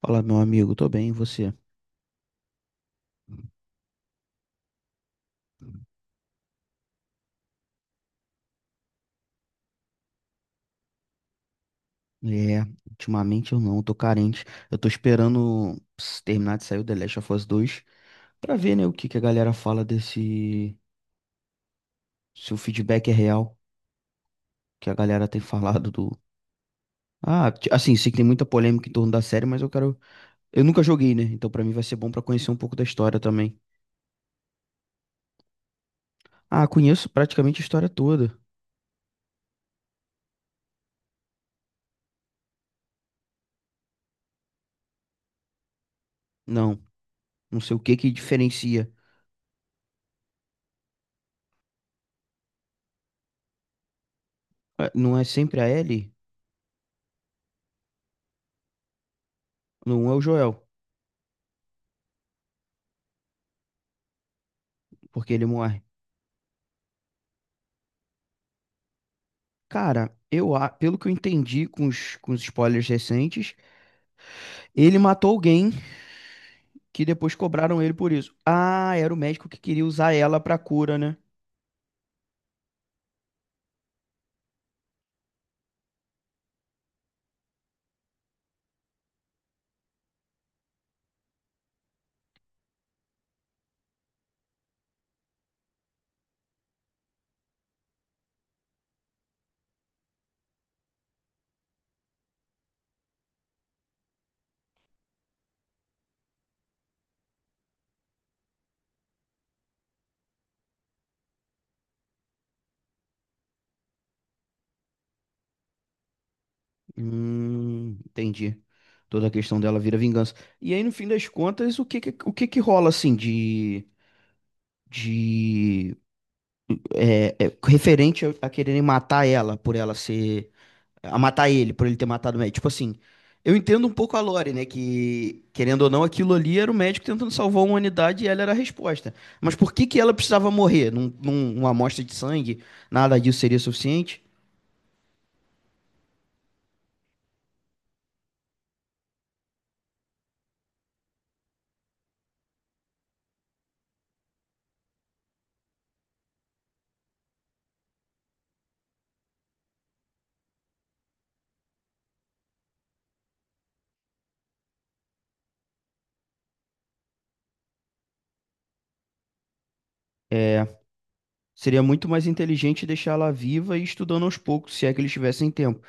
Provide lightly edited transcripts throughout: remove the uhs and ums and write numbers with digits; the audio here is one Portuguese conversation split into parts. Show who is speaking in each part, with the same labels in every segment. Speaker 1: Fala, meu amigo, tô bem, e você? É, ultimamente eu não, tô carente. Eu tô esperando terminar de sair o The Last of Us 2 pra ver, né, o que que a galera fala desse. Se o feedback é real, que a galera tem falado do. Ah, assim, sei que tem muita polêmica em torno da série, mas eu quero. Eu nunca joguei, né? Então pra mim vai ser bom pra conhecer um pouco da história também. Ah, conheço praticamente a história toda. Não, não sei o que que diferencia. Ah, não é sempre a Ellie, não é o Joel, porque ele morre. Cara, eu, pelo que eu entendi com os, spoilers recentes, ele matou alguém que depois cobraram ele por isso. Ah, era o médico que queria usar ela pra cura, né? Entendi. Toda a questão dela vira vingança. E aí, no fim das contas, o que que rola assim de de referente a quererem matar ela por ela ser a matar ele, por ele ter matado o médico. Tipo assim, eu entendo um pouco a Lore, né? Que, querendo ou não, aquilo ali era o médico tentando salvar a humanidade e ela era a resposta. Mas por que que ela precisava morrer? Uma amostra de sangue, nada disso seria suficiente? É, seria muito mais inteligente deixar ela viva e estudando aos poucos, se é que eles tivessem tempo.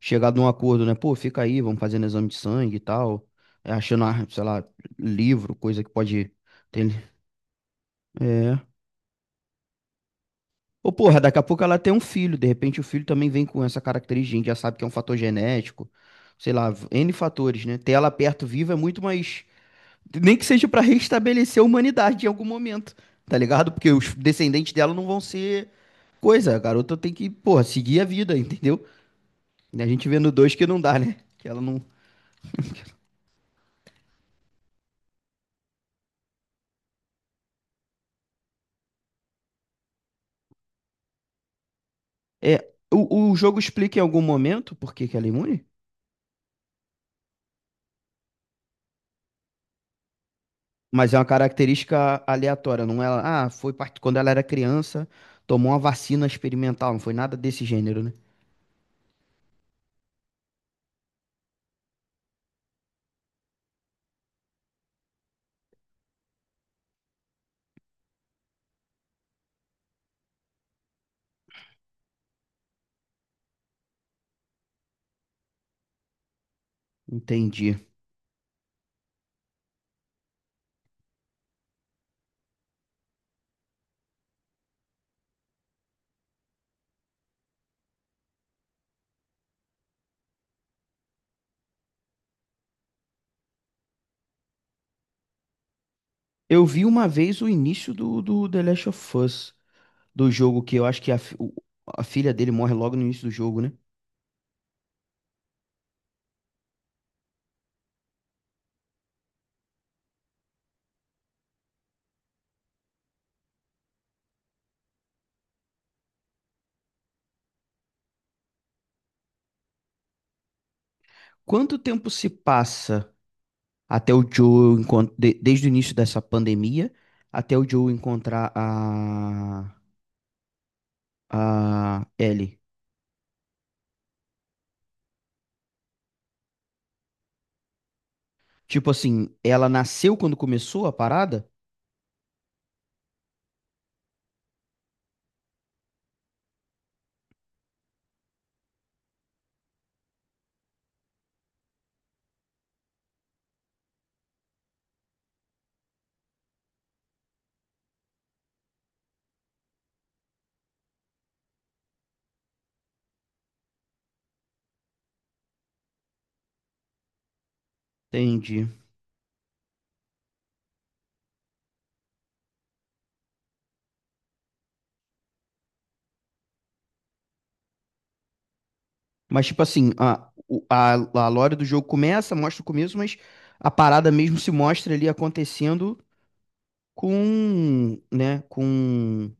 Speaker 1: Chegar num acordo, né? Pô, fica aí, vamos fazendo exame de sangue e tal. É, achando, ah, sei lá, livro, coisa que pode ter, né? É. Ô, porra, daqui a pouco ela tem um filho, de repente o filho também vem com essa característica, a gente já sabe que é um fator genético, sei lá, N fatores, né? Ter ela perto viva é muito mais. Nem que seja pra restabelecer a humanidade em algum momento, tá ligado? Porque os descendentes dela não vão ser coisa, a garota tem que, porra, seguir a vida, entendeu? E a gente vê no 2 que não dá, né? Que ela não. É, o jogo explica em algum momento por que que ela é imune? Mas é uma característica aleatória, não é? Ah, foi quando ela era criança, tomou uma vacina experimental, não foi nada desse gênero, né? Entendi. Eu vi uma vez o início do The Last of Us, do jogo, que eu acho que a filha dele morre logo no início do jogo, né? Quanto tempo se passa até o Joe encontrar, desde o início dessa pandemia, até o Joe encontrar a Ellie? Tipo assim, ela nasceu quando começou a parada? Entendi. Mas, tipo assim, a lore do jogo começa, mostra o começo, mas a parada mesmo se mostra ali acontecendo com, né, com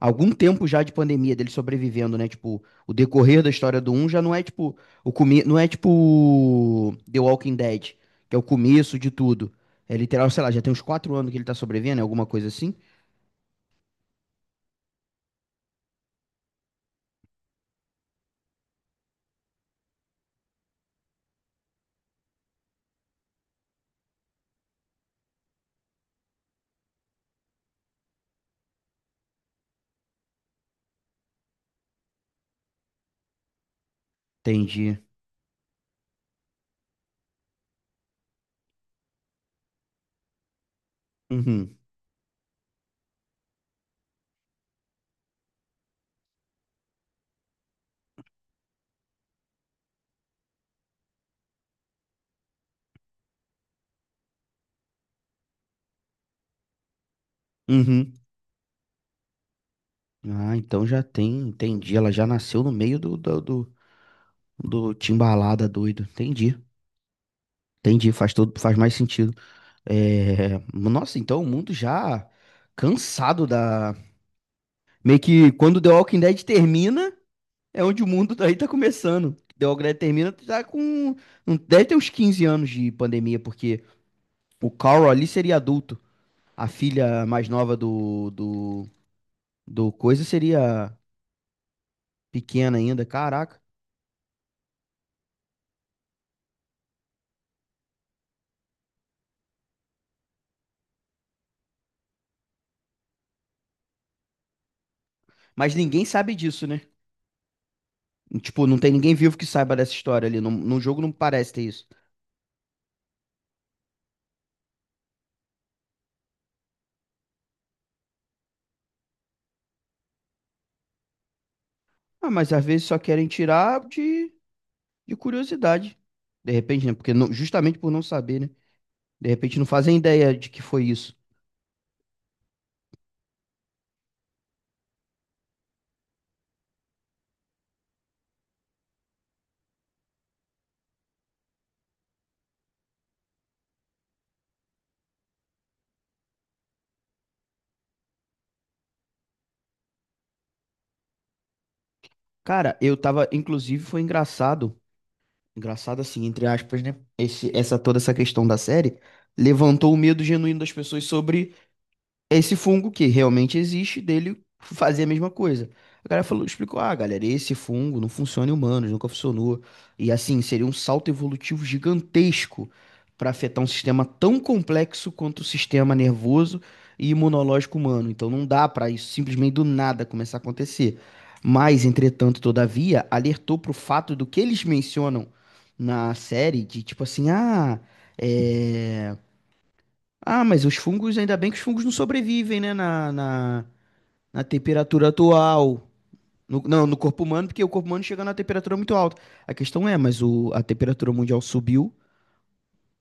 Speaker 1: algum tempo já de pandemia dele sobrevivendo, né? Tipo, o decorrer da história do um já não é tipo não é tipo The Walking Dead, que é o começo de tudo. É literal, sei lá, já tem uns 4 anos que ele tá sobrevivendo, é alguma coisa assim? Entendi. Uhum. Uhum. Ah, então já tem, entendi. Ela já nasceu no meio do Timbalada, doido. Entendi. Entendi, faz mais sentido. É, nossa, então o mundo já cansado da. Meio que quando The Walking Dead termina, é onde o mundo daí tá começando. The Walking Dead termina, tá com. Deve ter uns 15 anos de pandemia, porque o Carl ali seria adulto. A filha mais nova do coisa seria pequena ainda, caraca. Mas ninguém sabe disso, né? Tipo, não tem ninguém vivo que saiba dessa história ali. No jogo não parece ter isso. Ah, mas às vezes só querem tirar de curiosidade. De repente, né? Porque justamente por não saber, né? De repente não fazem ideia de que foi isso. Cara, eu tava, inclusive, foi engraçado. Engraçado assim, entre aspas, né? Essa toda essa questão da série levantou o medo genuíno das pessoas sobre esse fungo que realmente existe, dele fazer a mesma coisa. O cara falou, explicou, ah, galera, esse fungo não funciona em humanos, nunca funcionou. E assim, seria um salto evolutivo gigantesco para afetar um sistema tão complexo quanto o sistema nervoso e imunológico humano. Então não dá para isso simplesmente do nada começar a acontecer. Mas, entretanto, todavia, alertou para o fato do que eles mencionam na série, de tipo assim, ah, é. Ah, mas os fungos, ainda bem que os fungos não sobrevivem, né? Na temperatura atual. Não, no corpo humano, porque o corpo humano chega na temperatura muito alta. A questão é, mas a temperatura mundial subiu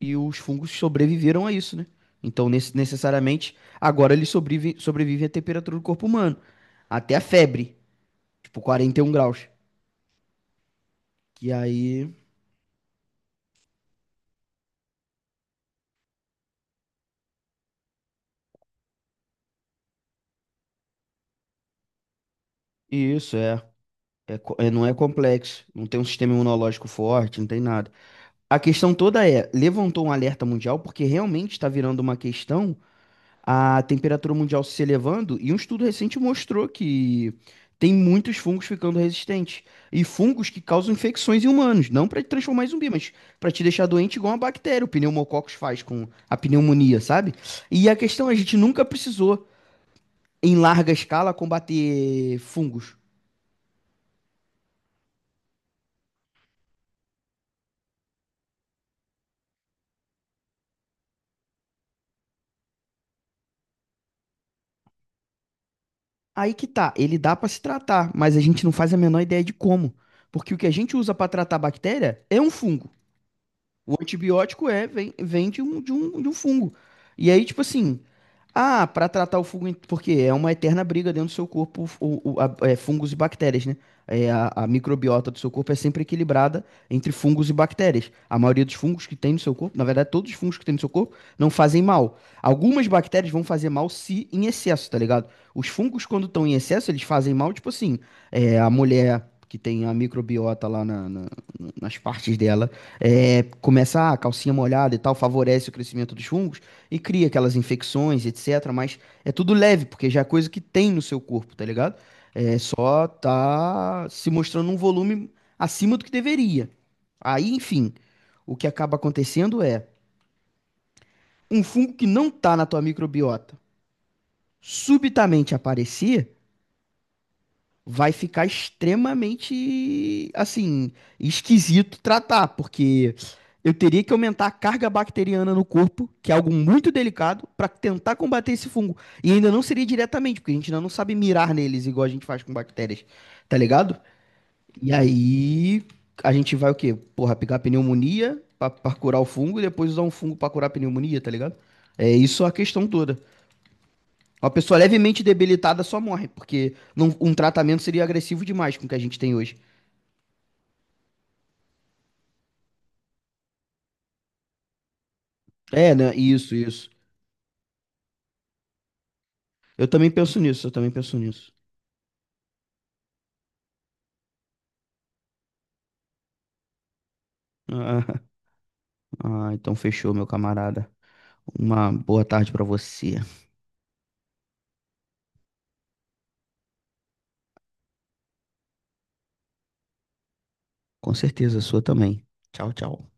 Speaker 1: e os fungos sobreviveram a isso, né? Então, necessariamente, agora eles sobrevivem, sobrevivem à temperatura do corpo humano. Até a febre, tipo 41 graus. Que aí, isso, não é complexo. Não tem um sistema imunológico forte, não tem nada. A questão toda é, levantou um alerta mundial porque realmente está virando uma questão a temperatura mundial se elevando e um estudo recente mostrou que tem muitos fungos ficando resistentes e fungos que causam infecções em humanos, não para te transformar em zumbi, mas para te deixar doente igual uma bactéria, o pneumococcus faz com a pneumonia, sabe? E a questão, é, a gente nunca precisou em larga escala combater fungos. Aí que tá, ele dá pra se tratar, mas a gente não faz a menor ideia de como. Porque o que a gente usa pra tratar a bactéria é um fungo. O antibiótico é, vem de um fungo. E aí, tipo assim, ah, pra tratar o fungo, porque é uma eterna briga dentro do seu corpo, fungos e bactérias, né? É, a microbiota do seu corpo é sempre equilibrada entre fungos e bactérias. A maioria dos fungos que tem no seu corpo, na verdade, todos os fungos que tem no seu corpo não fazem mal. Algumas bactérias vão fazer mal se em excesso, tá ligado? Os fungos, quando estão em excesso, eles fazem mal, tipo assim, é, a mulher que tem a microbiota lá nas partes dela é, começa a calcinha molhada e tal, favorece o crescimento dos fungos e cria aquelas infecções, etc. Mas é tudo leve, porque já é coisa que tem no seu corpo, tá ligado? É, só tá se mostrando um volume acima do que deveria. Aí, enfim, o que acaba acontecendo é um fungo que não tá na tua microbiota subitamente aparecer vai ficar extremamente, assim, esquisito tratar, porque eu teria que aumentar a carga bacteriana no corpo, que é algo muito delicado, para tentar combater esse fungo. E ainda não seria diretamente, porque a gente ainda não sabe mirar neles igual a gente faz com bactérias, tá ligado? E aí a gente vai o quê? Porra, pegar pneumonia pra curar o fungo e depois usar um fungo pra curar a pneumonia, tá ligado? É isso a questão toda. Uma pessoa levemente debilitada só morre, porque um tratamento seria agressivo demais com o que a gente tem hoje. É, né? Isso, isso. Eu também penso nisso, eu também penso nisso. Ah, então fechou, meu camarada. Uma boa tarde pra você. Com certeza, a sua também. Tchau, tchau.